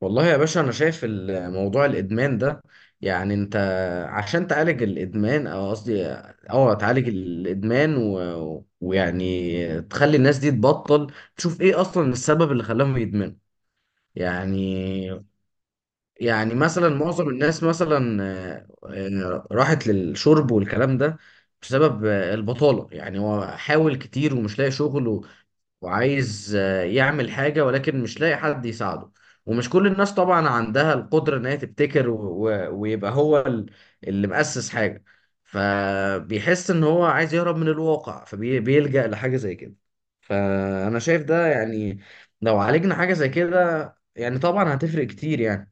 والله يا باشا انا شايف موضوع الادمان ده. يعني انت عشان تعالج الادمان، او قصدي، اه تعالج الادمان و... ويعني تخلي الناس دي تبطل، تشوف ايه اصلا السبب اللي خلاهم يدمنوا. يعني يعني مثلا معظم الناس مثلا راحت للشرب والكلام ده بسبب البطالة. يعني هو حاول كتير ومش لاقي شغل، وعايز يعمل حاجة ولكن مش لاقي حد يساعده. ومش كل الناس طبعا عندها القدرة إن هي تبتكر و... و... ويبقى هو اللي مؤسس حاجة، فبيحس إن هو عايز يهرب من الواقع فبيلجأ لحاجة زي كده. فأنا شايف ده يعني لو عالجنا حاجة زي كده يعني طبعا هتفرق كتير يعني.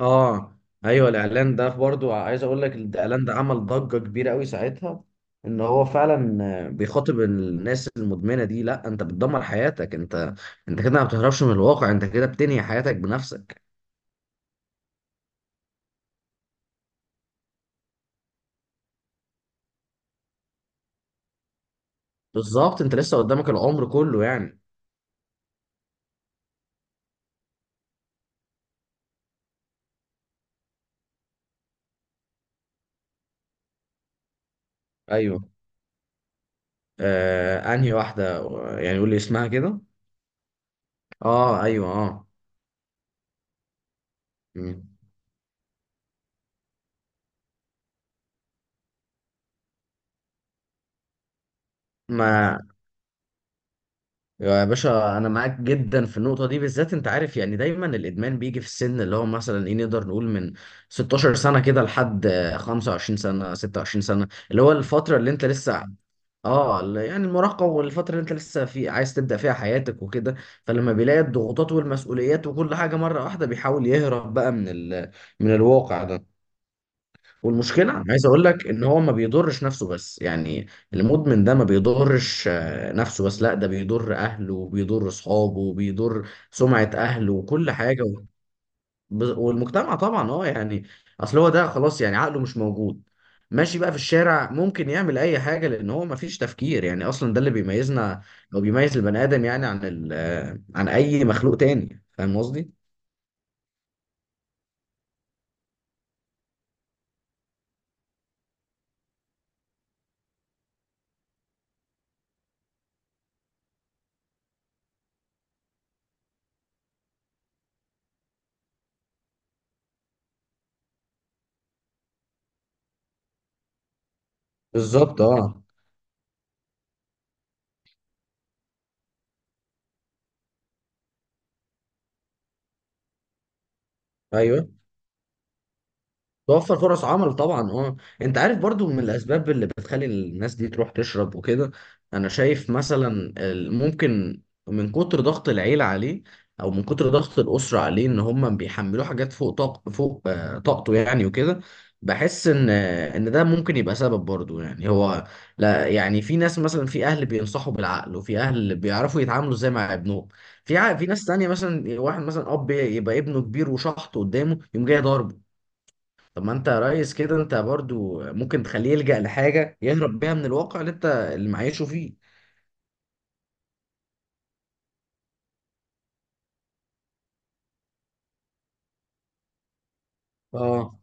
اه ايوه الاعلان ده برضو، عايز اقول لك، الاعلان ده عمل ضجه كبيره قوي ساعتها. ان هو فعلا بيخاطب الناس المدمنه دي، لا انت بتدمر حياتك انت، انت كده ما بتهربش من الواقع، انت كده بتنهي حياتك بنفسك. بالظبط، انت لسه قدامك العمر كله يعني. ايوه. آه انهي واحده؟ يعني قول لي اسمها كده. اه ايوه اه. مم. ما يا باشا انا معاك جدا في النقطه دي بالذات. انت عارف يعني دايما الادمان بيجي في السن اللي هو مثلا ايه، نقدر نقول من 16 سنه كده لحد 25 سنه 26 سنه، اللي هو الفتره اللي انت لسه. اه يعني المراهقه والفتره اللي انت لسه في عايز تبدا فيها حياتك وكده. فلما بيلاقي الضغوطات والمسؤوليات وكل حاجه مره واحده، بيحاول يهرب بقى من من الواقع ده. والمشكلة، عايز اقول لك، ان هو ما بيضرش نفسه بس يعني. المدمن ده ما بيضرش نفسه بس، لا ده بيضر اهله وبيضر اصحابه وبيضر سمعة اهله وكل حاجة. وب- والمجتمع طبعا، اه يعني. اصل هو ده خلاص يعني عقله مش موجود، ماشي بقى في الشارع، ممكن يعمل اي حاجة، لان هو ما فيش تفكير يعني. اصلا ده اللي بيميزنا او بيميز البني ادم يعني عن ال آه، عن اي مخلوق تاني. فاهم قصدي؟ بالظبط اه. ايوه، توفر فرص عمل طبعا اه. انت عارف برضو من الاسباب اللي بتخلي الناس دي تروح تشرب وكده، انا شايف مثلا ممكن من كتر ضغط العيلة عليه، او من كتر ضغط الاسرة عليه، ان هم بيحملوه حاجات فوق طاقته يعني وكده. بحس ان ده ممكن يبقى سبب برضو يعني. هو لا، يعني في ناس مثلا، في اهل بينصحوا بالعقل، وفي اهل بيعرفوا يتعاملوا ازاي مع ابنهم. في ناس تانية مثلا، واحد مثلا اب يبقى ابنه كبير وشحط قدامه يقوم جاي ضاربه. طب ما انت يا ريس كده انت برضو ممكن تخليه يلجأ لحاجة يهرب بيها من الواقع اللي معيشه فيه. اه.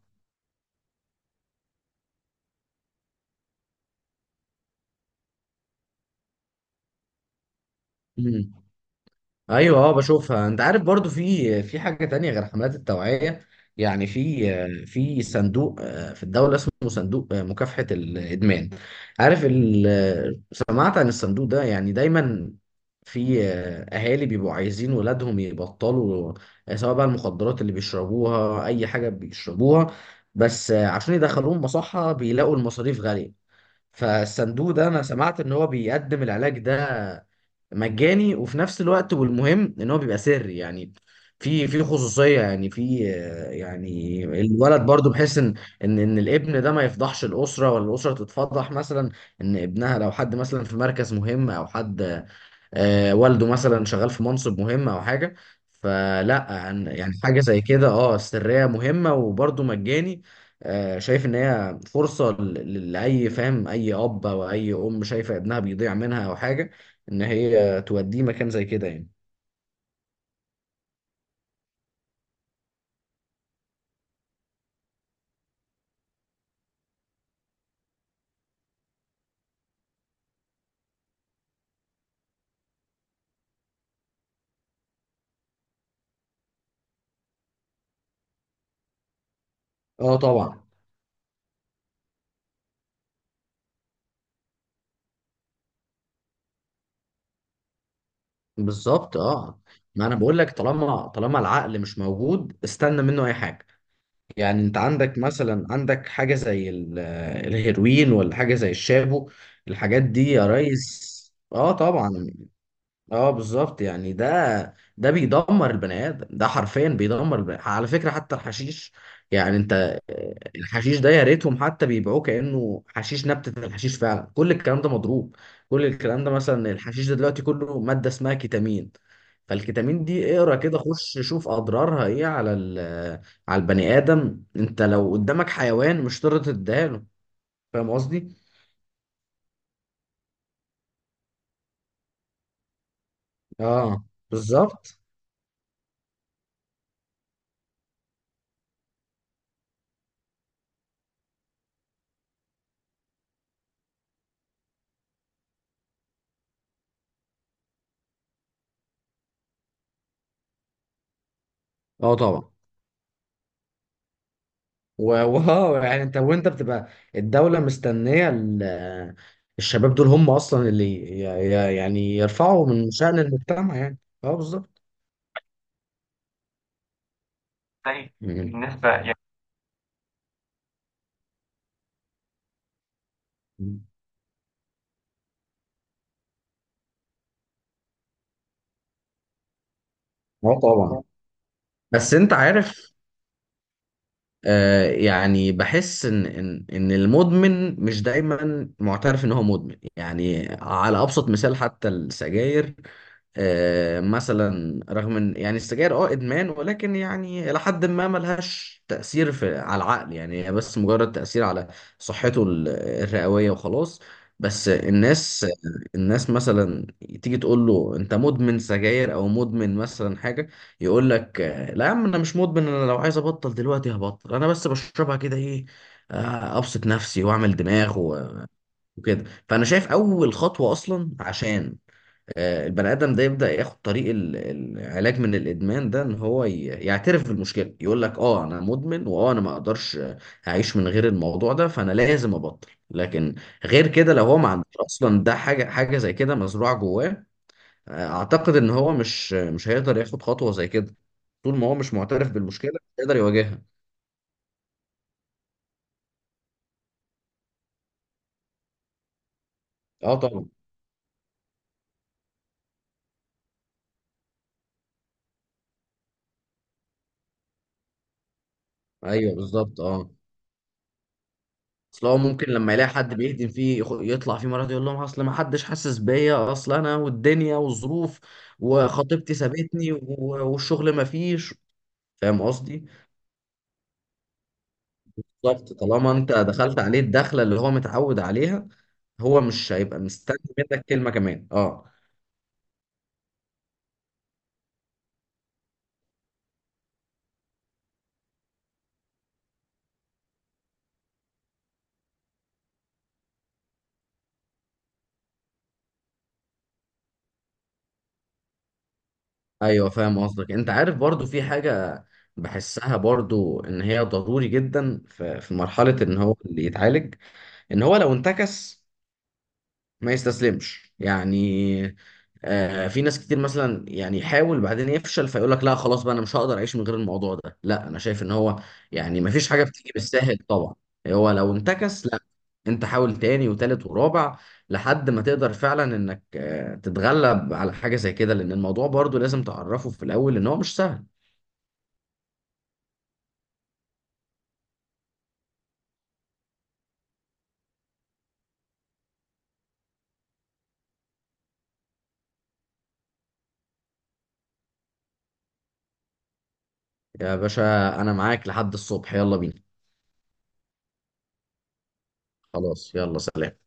مم. ايوه اه بشوفها. انت عارف برضو في حاجه تانية غير حملات التوعيه. يعني في في صندوق في الدوله اسمه صندوق مكافحه الادمان. عارف سمعت عن الصندوق ده يعني. دايما في اهالي بيبقوا عايزين ولادهم يبطلوا، سواء بقى المخدرات اللي بيشربوها اي حاجه بيشربوها، بس عشان يدخلوهم مصحه بيلاقوا المصاريف غاليه. فالصندوق ده انا سمعت ان هو بيقدم العلاج ده مجاني، وفي نفس الوقت والمهم ان هو بيبقى سري يعني، في خصوصيه يعني في يعني الولد برضو، بحيث ان ان الابن ده ما يفضحش الاسره، ولا الاسره تتفضح مثلا ان ابنها، لو حد مثلا في مركز مهم، او حد والده مثلا شغال في منصب مهم او حاجه. يعني حاجه زي كده اه، سريه مهمه وبرده مجاني. شايف ان هي فرصه لاي فاهم، اي اب او اي ام شايفه ابنها بيضيع منها او حاجه، ان هي توديه مكان زي كده يعني. اه طبعا. بالظبط اه. ما انا بقول لك، طالما العقل مش موجود استنى منه اي حاجه. يعني انت عندك مثلا، عندك حاجة زي ال- الهيروين، ولا حاجة زي الشابو، الحاجات دي يا ريس. اه طبعا. اه بالظبط. يعني ده بيدمر البني ادم ده، حرفيا بيدمر البني آدم. على فكره حتى الحشيش، يعني انت الحشيش ده يا ريتهم حتى بيبيعوه كانه حشيش نبته. الحشيش فعلا كل الكلام ده مضروب، كل الكلام ده. مثلا الحشيش ده دلوقتي كله ماده اسمها كيتامين، فالكيتامين دي اقرا كده، خش شوف اضرارها ايه على على البني ادم. انت لو قدامك حيوان مش هتقدر تديها له. فاهم قصدي؟ اه بالظبط. اه طبعا. و- واه، يعني انت وانت بتبقى الدولة مستنية الشباب دول، هم اصلا اللي يعني يرفعوا من شأن المجتمع يعني. اه بالظبط. زي. مم. بالنسبة يعني. اه طبعا. بس انت عارف يعني بحس ان المدمن مش دايما معترف ان هو مدمن. يعني على ابسط مثال، حتى السجاير، مثلا رغم ان يعني السجاير اه ادمان، ولكن يعني الى حد ما ملهاش تاثير في على العقل، يعني هي بس مجرد تاثير على صحته الرئويه وخلاص. بس الناس، الناس مثلا تيجي تقول له انت مدمن سجاير او مدمن مثلا حاجه، يقول لك لا يا عم انا مش مدمن، انا لو عايز ابطل دلوقتي هبطل، انا بس بشربها كده ايه، ابسط نفسي واعمل دماغ وكده. فانا شايف اول خطوة اصلا عشان البني ادم ده يبدأ ياخد طريق العلاج من الادمان ده، ان هو يعترف بالمشكلة. يقول لك اه انا مدمن، واه انا ما اقدرش اعيش من غير الموضوع ده، فانا لازم ابطل. لكن غير كده، لو هو ما عندوش اصلا ده، حاجة زي كده مزروعة جواه، اعتقد ان هو مش هيقدر ياخد خطوه زي كده. طول ما هو مش معترف بالمشكله مش هيقدر يواجهها. اه طبعا. ايوه بالظبط اه. اصل هو ممكن لما يلاقي حد بيهدم فيه، يطلع فيه مرات يقول لهم اصل ما حدش حاسس بيا، اصل انا والدنيا والظروف وخطيبتي سابتني، والشغل ما فيش. فاهم قصدي. بالظبط، طالما انت دخلت عليه الدخله اللي هو متعود عليها، هو مش هيبقى مستني منك كلمه كمان اه. ايوه فاهم قصدك. انت عارف برضو في حاجة بحسها برضو ان هي ضروري جدا، في مرحلة ان هو اللي يتعالج، ان هو لو انتكس ما يستسلمش يعني. آه في ناس كتير مثلا، يعني يحاول بعدين يفشل فيقول لك لا خلاص بقى انا مش هقدر اعيش من غير الموضوع ده. لا انا شايف ان هو يعني ما فيش حاجه بتيجي بالساهل طبعا. هو لو انتكس، لا انت حاول تاني وتالت ورابع لحد ما تقدر فعلا انك آه تتغلب على حاجه زي كده. لان الموضوع برضو لازم تعرفه في الاول، ان هو مش سهل. يا باشا انا معاك لحد الصبح، يلا بينا. خلاص يلا سلام.